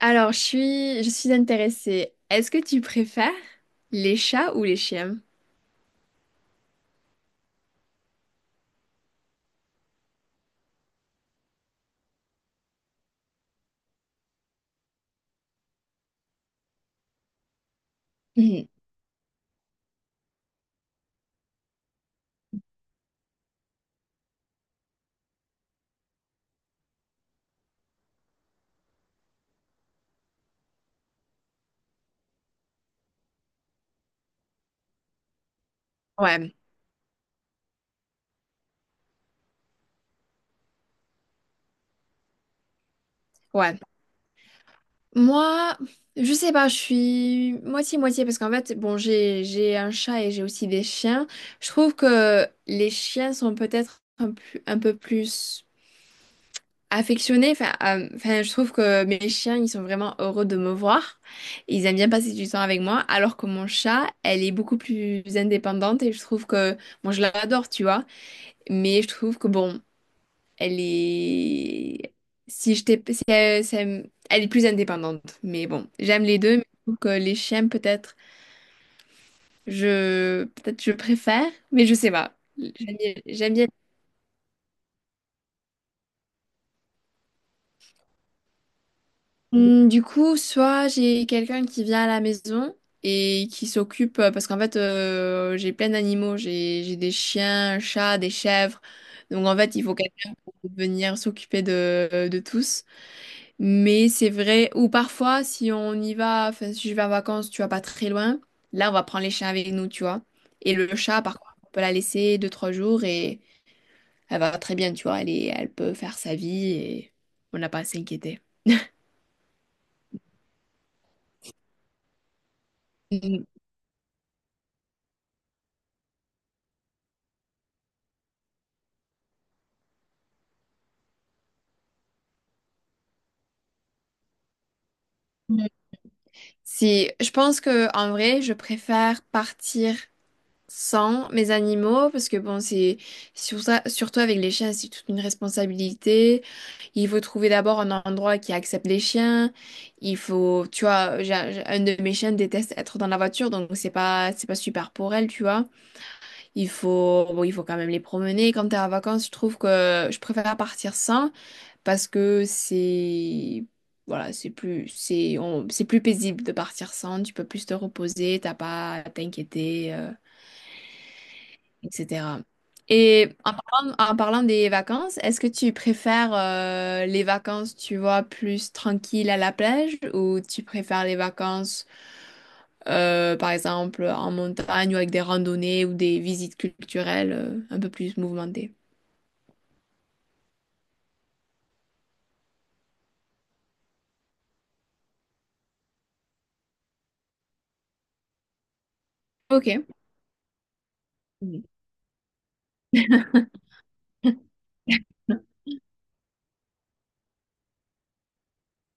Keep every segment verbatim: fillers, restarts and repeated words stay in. Alors, je suis, je suis intéressée. Est-ce que tu préfères les chats ou les chiens? Mhm. Ouais, ouais. Moi, je sais pas, je suis moitié-moitié parce qu'en fait, bon, j'ai, j'ai un chat et j'ai aussi des chiens. Je trouve que les chiens sont peut-être un, plus- un peu plus affectionnés. Enfin, euh, enfin, je trouve que mes chiens, ils sont vraiment heureux de me voir. Ils aiment bien passer du temps avec moi, alors que mon chat, elle est beaucoup plus indépendante, et je trouve que, bon, je l'adore, tu vois. Mais je trouve que, bon, elle est. Si je t'ai. Si, euh, si elle, ça me- Elle est plus indépendante. Mais bon, j'aime les deux. Mais je trouve que les chiens, peut-être, je. Peut-être je préfère. Mais je sais pas. J'aime bien. J'aime bien. Hmm, Du coup, soit j'ai quelqu'un qui vient à la maison et qui s'occupe. euh, Parce qu'en fait, euh, j'ai plein d'animaux. J'ai j'ai des chiens, un chat, des chèvres. Donc en fait, il faut quelqu'un pour venir s'occuper de, de tous. Mais c'est vrai, ou parfois, si on y va, enfin, si je vais en vacances, tu vas pas très loin, là, on va prendre les chiens avec nous, tu vois. Et le chat, par contre, on peut la laisser deux, trois jours et elle va très bien, tu vois. Elle est, elle peut faire sa vie et on n'a pas à s'inquiéter. Mhm. Si, je pense que, en vrai, je préfère partir sans mes animaux, parce que bon, c'est sur ça- surtout avec les chiens, c'est toute une responsabilité. Il faut trouver d'abord un endroit qui accepte les chiens. Il faut, tu vois, j'ai- j'ai- un de mes chiens déteste être dans la voiture, donc c'est pas, c'est pas super pour elle, tu vois. Il faut, bon, il faut quand même les promener. Quand t'es en vacances, je trouve que je préfère partir sans, parce que c'est, voilà, c'est plus, c'est, on- c'est plus paisible de partir sans. Tu peux plus te reposer, t'as pas à t'inquiéter, euh, et cetera. Et en parlant, en parlant des vacances, est-ce que tu préfères euh, les vacances, tu vois, plus tranquilles à la plage, ou tu préfères les vacances, euh, par exemple, en montagne, ou avec des randonnées ou des visites culturelles euh, un peu plus mouvementées? Ok. Mhm.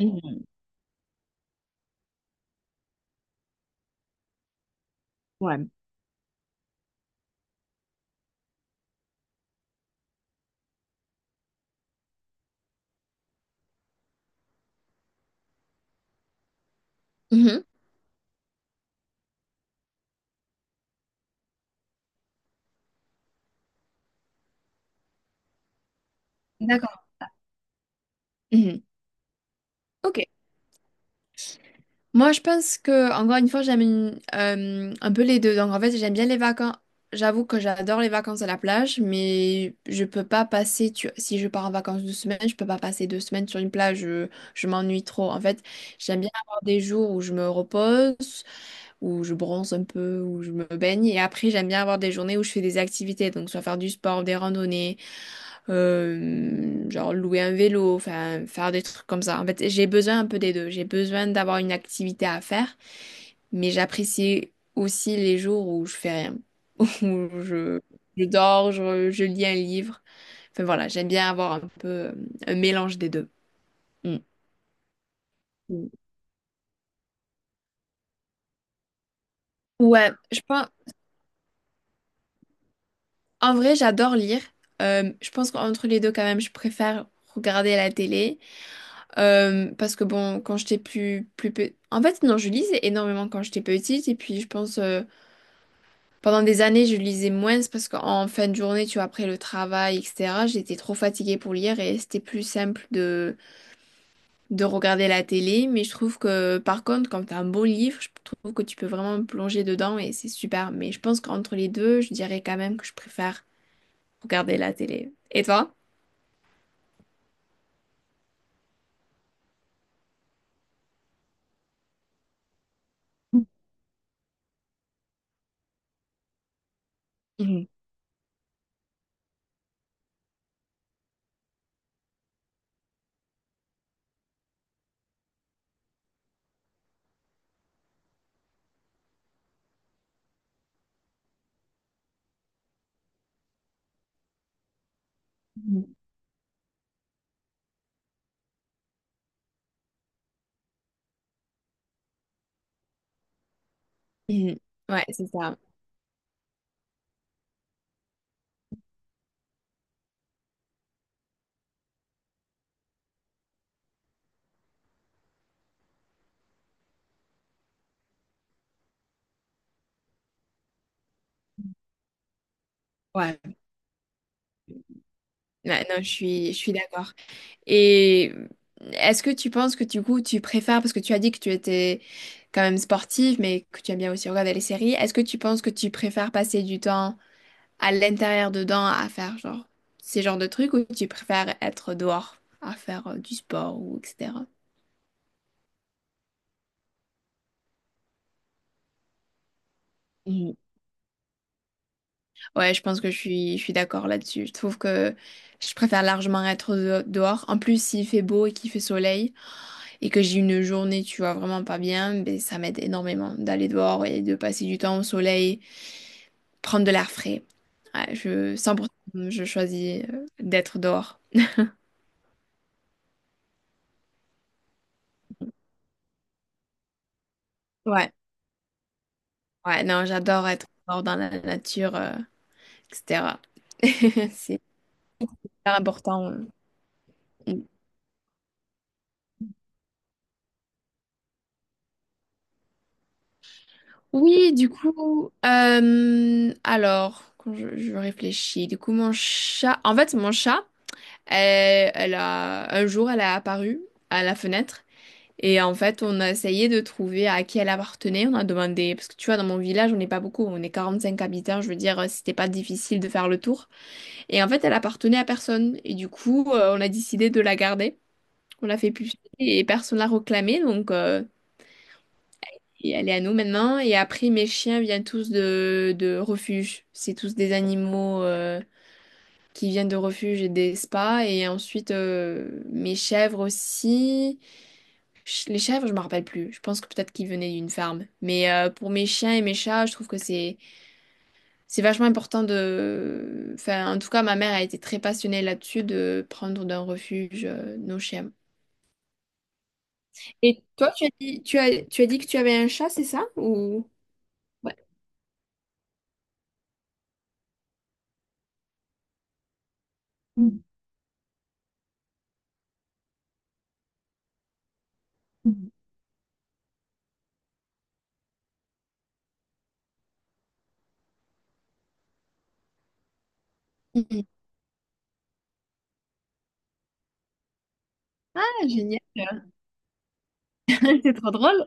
Mhm. Ouais. Mhm. D'accord. Mhm. Ok. Moi, je pense que, encore une fois, j'aime une- euh, un peu les deux. Donc, en fait, j'aime bien les vacances. J'avoue que j'adore les vacances à la plage, mais je peux pas passer, tu... si je pars en vacances deux semaines, je peux pas passer deux semaines sur une plage. Je, je m'ennuie trop. En fait, j'aime bien avoir des jours où je me repose, où je bronze un peu, où je me baigne. Et après, j'aime bien avoir des journées où je fais des activités. Donc, soit faire du sport, des randonnées. Euh, genre louer un vélo, enfin faire des trucs comme ça. En fait, j'ai besoin un peu des deux. J'ai besoin d'avoir une activité à faire, mais j'apprécie aussi les jours où je fais rien, où je, je dors, je, je lis un livre. Enfin voilà, j'aime bien avoir un peu euh, un mélange des deux. Mm. Mm. Ouais, je pense, en vrai, j'adore lire. Euh, je pense qu'entre les deux, quand même, je préfère regarder la télé. Euh, parce que bon, quand j'étais plus, plus pe- en fait, non, je lisais énormément quand j'étais petite. Et puis, je pense, euh, pendant des années, je lisais moins, c'est parce qu'en fin de journée, tu vois, après le travail, et cetera, j'étais trop fatiguée pour lire et c'était plus simple de, de regarder la télé. Mais je trouve que, par contre, quand t'as un beau livre, je trouve que tu peux vraiment me plonger dedans et c'est super. Mais je pense qu'entre les deux, je dirais quand même que je préfère regarder la télé. Et toi? Mhm. Mhm. Ouais, c'est ça. Ouais, Ouais, non, je suis, je suis d'accord. Et est-ce que tu penses que, du coup, tu préfères, parce que tu as dit que tu étais quand même sportive, mais que tu aimes bien aussi regarder les séries, est-ce que tu penses que tu préfères passer du temps à l'intérieur dedans à faire genre ces genres de trucs, ou tu préfères être dehors à faire euh, du sport ou et cetera. Mhm. Ouais, je pense que je suis, je suis d'accord là-dessus. Je trouve que je préfère largement être de- dehors. En plus, s'il fait beau et qu'il fait soleil, et que j'ai une journée, tu vois, vraiment pas bien, ben, ça m'aide énormément d'aller dehors et de passer du temps au soleil, prendre de l'air frais. Ouais, je, cent pour cent, je choisis euh, d'être dehors. Ouais, ouais, non, j'adore être dehors dans la nature, euh, et cetera C'est hyper important. Oui, du coup, euh, alors, quand je, je réfléchis, du coup, mon chat, en fait, mon chat, elle, elle a, un jour, elle a apparu à la fenêtre. Et en fait, on a essayé de trouver à qui elle appartenait. On a demandé, parce que tu vois, dans mon village, on n'est pas beaucoup, on est quarante-cinq habitants, je veux dire, euh, c'était pas difficile de faire le tour. Et en fait, elle appartenait à personne. Et du coup, euh, on a décidé de la garder. On l'a fait puffer et personne l'a réclamée. Donc, euh, et elle est à nous maintenant. Et après, mes chiens viennent tous de, de refuges. C'est tous des animaux euh, qui viennent de refuges et des spas. Et ensuite, euh, mes chèvres aussi. Ch- Les chèvres, je me rappelle plus. Je pense que peut-être qu'ils venaient d'une farme. Mais euh, pour mes chiens et mes chats, je trouve que c'est c'est vachement important de. Enfin, en tout cas, ma mère a été très passionnée là-dessus de prendre d'un refuge euh, nos chiens. Et toi, tu as dit, tu as, tu as dit que tu avais un chat, c'est ça? Ou. Ouais. Mhm. Ah, génial. C'est trop drôle.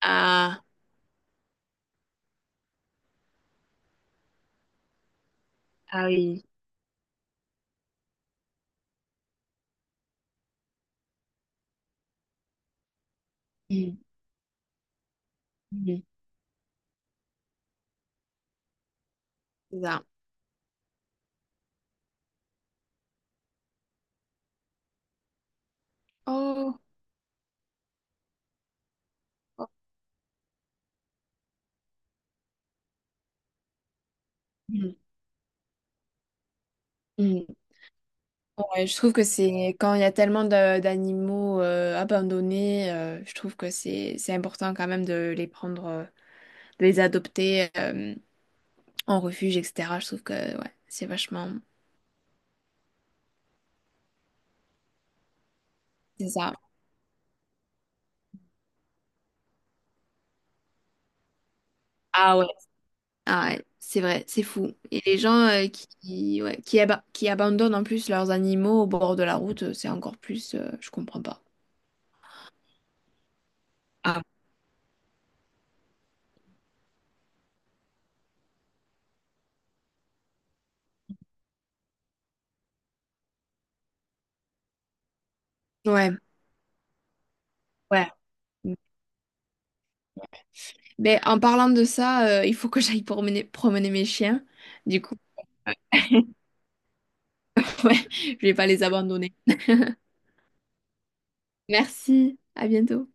Ah, ah oui. Mhm. Mhm. C'est ça. Oh. Mhm. Mhm. Ouais, je trouve que c'est quand il y a tellement de- d'animaux euh, abandonnés, euh, je trouve que c'est c'est important quand même de les prendre, euh, de les adopter euh, en refuge, et cetera. Je trouve que ouais, c'est vachement. C'est ça. Ah ouais. Ah ouais, c'est vrai, c'est fou. Et les gens euh, qui, ouais, qui, aba- qui abandonnent en plus leurs animaux au bord de la route, euh, c'est encore plus. Euh, je comprends pas. Ah. Ouais, ouais. Mais en parlant de ça, euh, il faut que j'aille promener, promener mes chiens. Du coup, ouais, je vais pas les abandonner. Merci, à bientôt.